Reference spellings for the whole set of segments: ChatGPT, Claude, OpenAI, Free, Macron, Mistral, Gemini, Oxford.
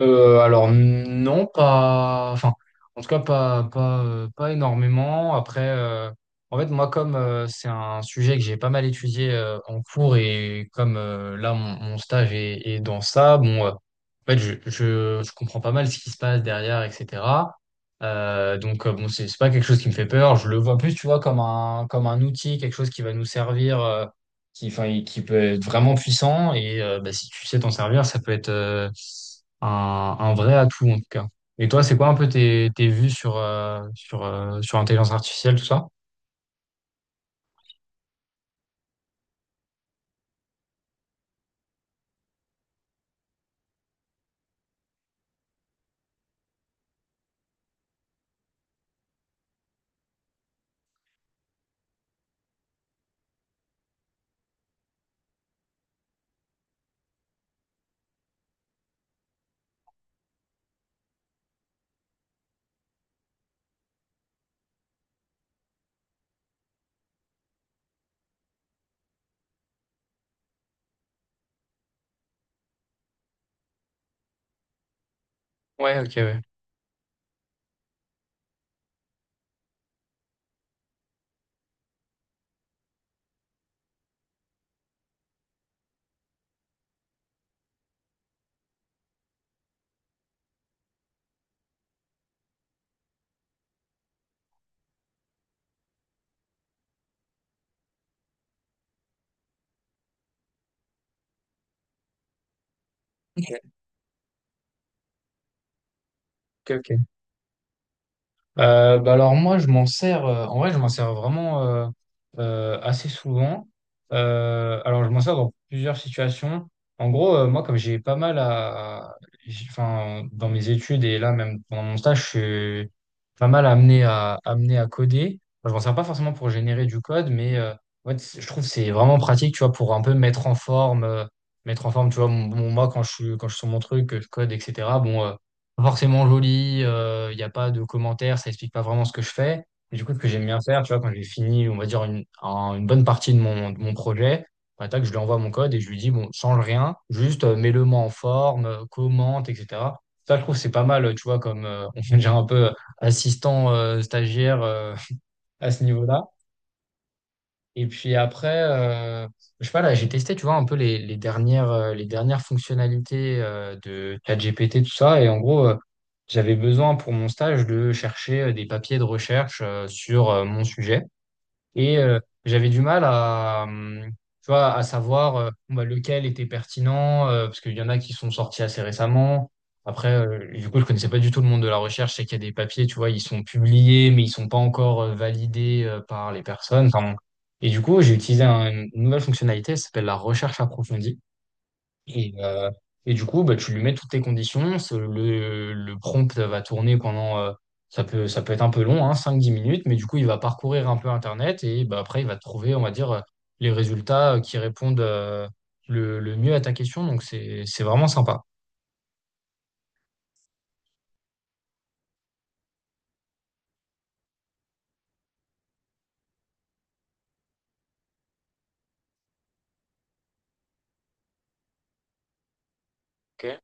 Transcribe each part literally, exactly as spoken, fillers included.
Euh, alors non, pas. Enfin, en tout cas, pas, pas, euh, pas énormément. Après, euh, en fait, moi, comme euh, c'est un sujet que j'ai pas mal étudié euh, en cours, et comme euh, là, mon, mon stage est, est dans ça, bon, euh, en fait, je, je, je comprends pas mal ce qui se passe derrière, et cetera. Euh, donc, euh, bon, c'est c'est pas quelque chose qui me fait peur. Je le vois plus, tu vois, comme un, comme un outil, quelque chose qui va nous servir, euh, qui, enfin, qui peut être vraiment puissant, et euh, bah, si tu sais t'en servir, ça peut être euh, un, un vrai atout en tout cas. Et toi, c'est quoi un peu tes, tes vues sur, euh, sur, euh, sur l'intelligence artificielle, tout ça? Ouais, ok, ouais. Ok, ok. Ok. Euh, bah alors moi je m'en sers, euh, en vrai je m'en sers vraiment, euh, euh, assez souvent. Euh, alors je m'en sers dans plusieurs situations. En gros, euh, moi, comme j'ai pas mal à j'ai- enfin, dans mes études et là, même pendant mon stage, je suis pas mal amené à amené à coder. Enfin, je m'en sers pas forcément pour générer du code, mais euh, en fait, c'est- je trouve que c'est vraiment pratique, tu vois, pour un peu mettre en forme, euh, mettre en forme tu vois, mon- mon- moi, quand je suis quand je suis sur mon truc, que je code, etc., bon, euh, pas forcément joli, il n'y a pas de commentaires, ça explique pas vraiment ce que je fais. Et du coup, ce que j'aime bien faire, tu vois, quand j'ai fini, on va dire, une, un- une bonne partie de mon, de mon projet, bah, tac, je lui envoie mon code et je lui dis, bon, change rien, juste euh, mets-le-moi en forme, euh, commente, et cetera. Ça, je trouve, c'est pas mal, tu vois, comme euh, on fait déjà un peu assistant, euh, stagiaire, euh, à ce niveau-là. Et puis après, euh, je sais pas, là, j'ai testé, tu vois, un peu les, les dernières, euh, les dernières fonctionnalités euh, de ChatGPT, tout ça. Et en gros, euh, j'avais besoin pour mon stage de chercher euh, des papiers de recherche euh, sur euh, mon sujet. Et euh, j'avais du mal à, hum, tu vois, à savoir, euh, bon, bah, lequel était pertinent, euh, parce qu'il y en a qui sont sortis assez récemment. Après, euh, du coup, je connaissais pas du tout le monde de la recherche. Je sais qu'il y a des papiers, tu vois, ils sont publiés, mais ils sont pas encore euh, validés euh, par les personnes. Enfin, bon. Et du coup, j'ai utilisé un- une nouvelle fonctionnalité, ça s'appelle la recherche approfondie. Et, euh, et du coup, bah, tu lui mets toutes tes conditions. ce- Le, le prompt va tourner pendant. euh, ça peut, ça peut être un peu long, hein, cinq dix minutes, mais du coup, il va parcourir un peu Internet et bah, après, il va trouver, on va dire, euh, les résultats euh, qui répondent euh, le, le mieux à ta question. Donc, c'est, c'est vraiment sympa. Ok.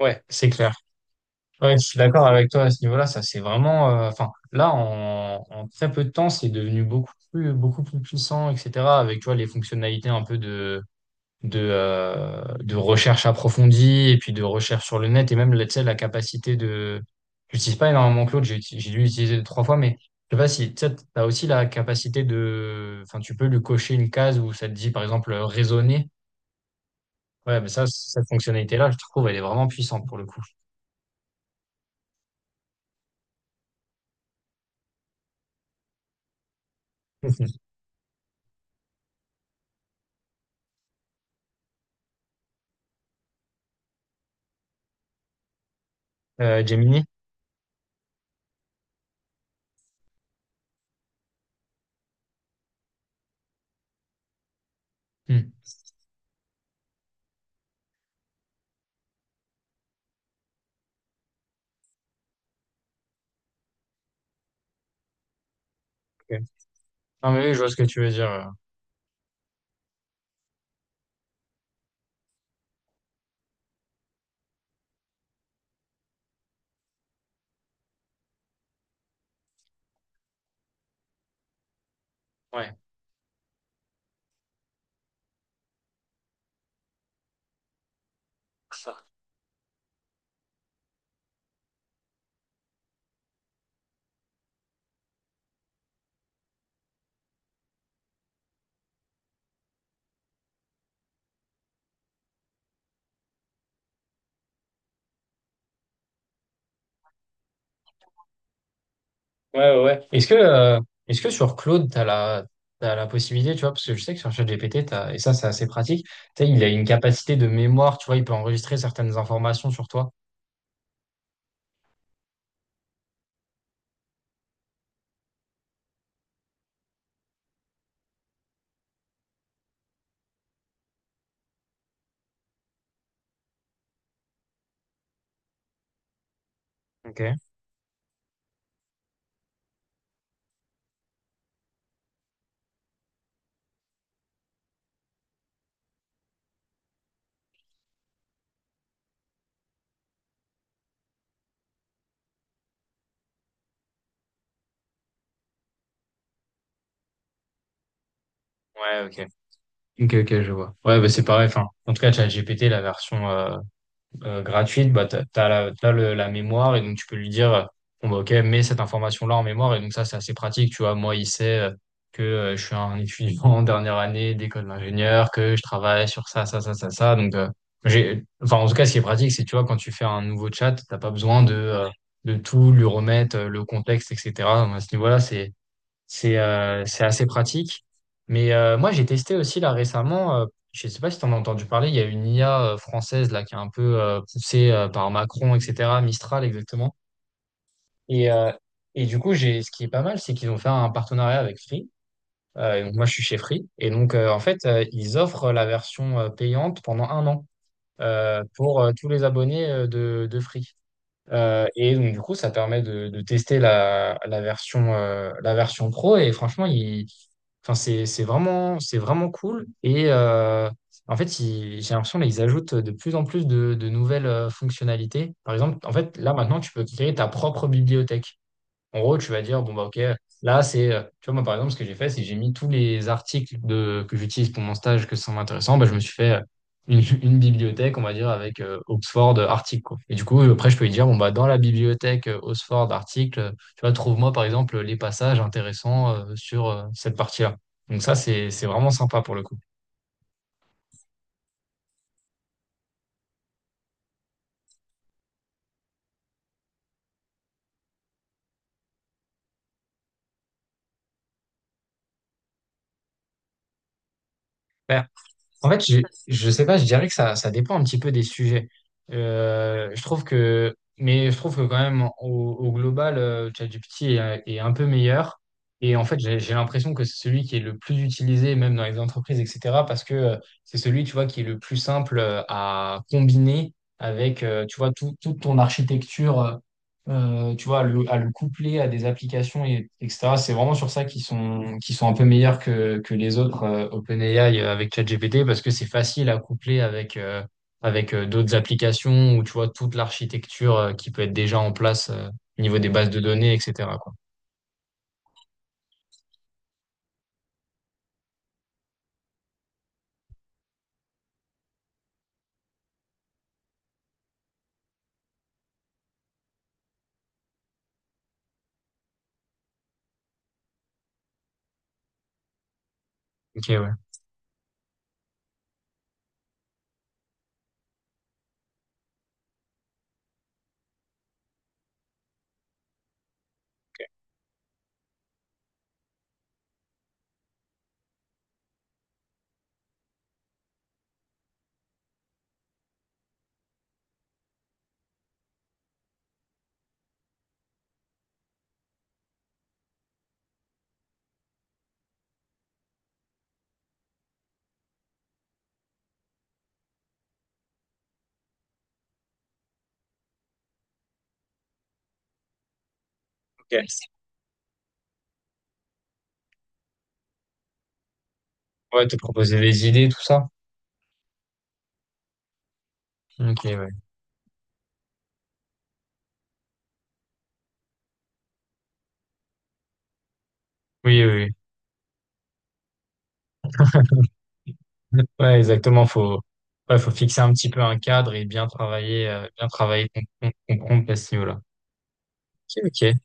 Ouais, c'est clair. Ouais, je suis d'accord avec toi à ce niveau-là. Ça, c'est vraiment. euh, Enfin, là, en, en très peu de temps, c'est devenu beaucoup plus, beaucoup plus puissant, et cetera. Avec, tu vois, les fonctionnalités un peu de de, euh, de recherche approfondie et puis de recherche sur le net, et même là, tu sais, la capacité de. J'utilise pas énormément Claude, j'ai uti- j'ai dû l'utiliser deux, trois fois, mais je sais pas si tu as aussi la capacité de. Enfin, tu peux lui cocher une case où ça te dit, par exemple, euh, raisonner. Ouais, mais ça, cette fonctionnalité-là, je trouve, elle est vraiment puissante pour le coup. Euh, Gemini? Hmm. Ok. Non, mais oui, je vois ce que tu veux dire, euh, ouais. Ouais, ouais. Ouais. Est-ce que, euh, est-ce que sur Claude, tu as la, t'as la possibilité, tu vois, parce que je sais que sur ChatGPT, t'as, et ça, c'est assez pratique, tu sais, il a une capacité de mémoire, tu vois, il peut enregistrer certaines informations sur toi. Ok. Ouais, ok. Ok, ok, je vois. Ouais, bah, c'est pareil. Enfin, en tout cas, ChatGPT, la version, euh, euh, gratuite, bah, t'as, t'as la, t'as le- la mémoire, et donc tu peux lui dire, euh, bon, bah, ok, mets cette information-là en mémoire, et donc ça, c'est assez pratique, tu vois. Moi, il sait euh, que euh, je suis un étudiant en dernière année d'école d'ingénieur, que je travaille sur ça, ça, ça, ça, ça. Donc, euh, j'ai, enfin, en tout cas, ce qui est pratique, c'est, tu vois, quand tu fais un nouveau chat, t'as pas besoin de, euh, de tout lui remettre, euh, le contexte, et cetera. Donc, à ce niveau-là, c'est, c'est euh, c'est assez pratique. Mais euh, moi, j'ai testé aussi là récemment, euh, je ne sais pas si tu en as entendu parler, il y a une I A euh, française là qui est un peu euh, poussée euh, par Macron, et cetera, Mistral exactement. Et, euh, et du coup, j'ai, ce qui est pas mal, c'est qu'ils ont fait un partenariat avec Free. Euh, et donc moi, je suis chez Free. Et donc, euh, en fait, euh, ils offrent la version euh, payante pendant un an, euh, pour euh, tous les abonnés euh, de, de Free. Euh, et donc, du coup, ça permet de, de tester la, la version, euh, la version pro. Et franchement, ils. Enfin, c'est, c'est vraiment, c'est vraiment cool. Et euh, en fait, ils- j'ai l'impression qu'ils ajoutent de plus en plus de, de nouvelles euh, fonctionnalités. Par exemple, en fait, là maintenant, tu peux créer ta propre bibliothèque. En gros, tu vas dire, bon, bah, OK, là, c'est, euh, tu vois, moi, par exemple, ce que j'ai fait, c'est que j'ai mis tous les articles de, que j'utilise pour mon stage, que ça m'intéressant. Bah, je me suis fait euh, une, une bibliothèque, on va dire, avec euh, Oxford euh, article, quoi. Et du coup, euh, après, je peux lui dire, bon, bah, dans la bibliothèque euh, Oxford article, euh, tu vois, trouve-moi, par exemple, les passages intéressants euh, sur euh, cette partie-là. Donc, ça, c'est, c'est vraiment sympa pour le coup. En fait, je, je sais pas, je dirais que ça, ça dépend un petit peu des sujets. Euh, je trouve que, mais je trouve que quand même, au, au global, euh, ChatGPT est, est un peu meilleur. Et en fait, j'ai, j'ai l'impression que c'est celui qui est le plus utilisé, même dans les entreprises, et cetera. Parce que euh, c'est celui, tu vois, qui est le plus simple euh, à combiner avec, euh, tu vois, tout- toute ton architecture. Euh, euh, tu vois, à le, à le coupler à des applications, et, etc. C'est vraiment sur ça qu'ils sont, qu'ils sont un peu meilleurs que, que les autres, euh, OpenAI euh, avec ChatGPT, parce que c'est facile à coupler avec, euh, avec euh, d'autres applications, ou tu vois, toute l'architecture euh, qui peut être déjà en place euh, au niveau des bases de données, et cetera, quoi. Ok, ouais. Ok. Ouais, te proposer des idées, tout ça. Ok, ouais. Oui, oui, oui. Ouais, exactement. Faut, ouais, faut fixer un petit peu un cadre, et bien travailler, euh, bien travailler ton, ton, ton prompt à ce niveau-là. Ok, ok.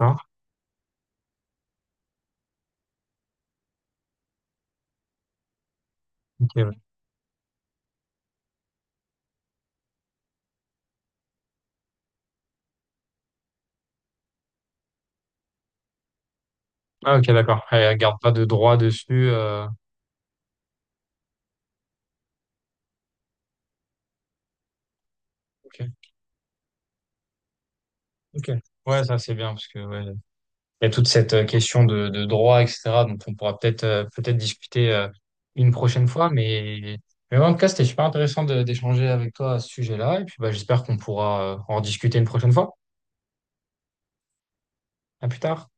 Hmm. Ok, ouais. Ah, ok, d'accord. Elle garde pas de droit dessus. euh, Ok, ok. Ouais, ça c'est bien, parce que ouais, il y a toute cette euh, question de, de droit, et cetera. Donc on pourra peut-être euh, peut-être discuter euh, une prochaine fois. Mais, mais ouais, en tout cas, c'était super intéressant de- d'échanger avec toi à ce sujet-là. Et puis bah, j'espère qu'on pourra euh, en discuter une prochaine fois. À plus tard.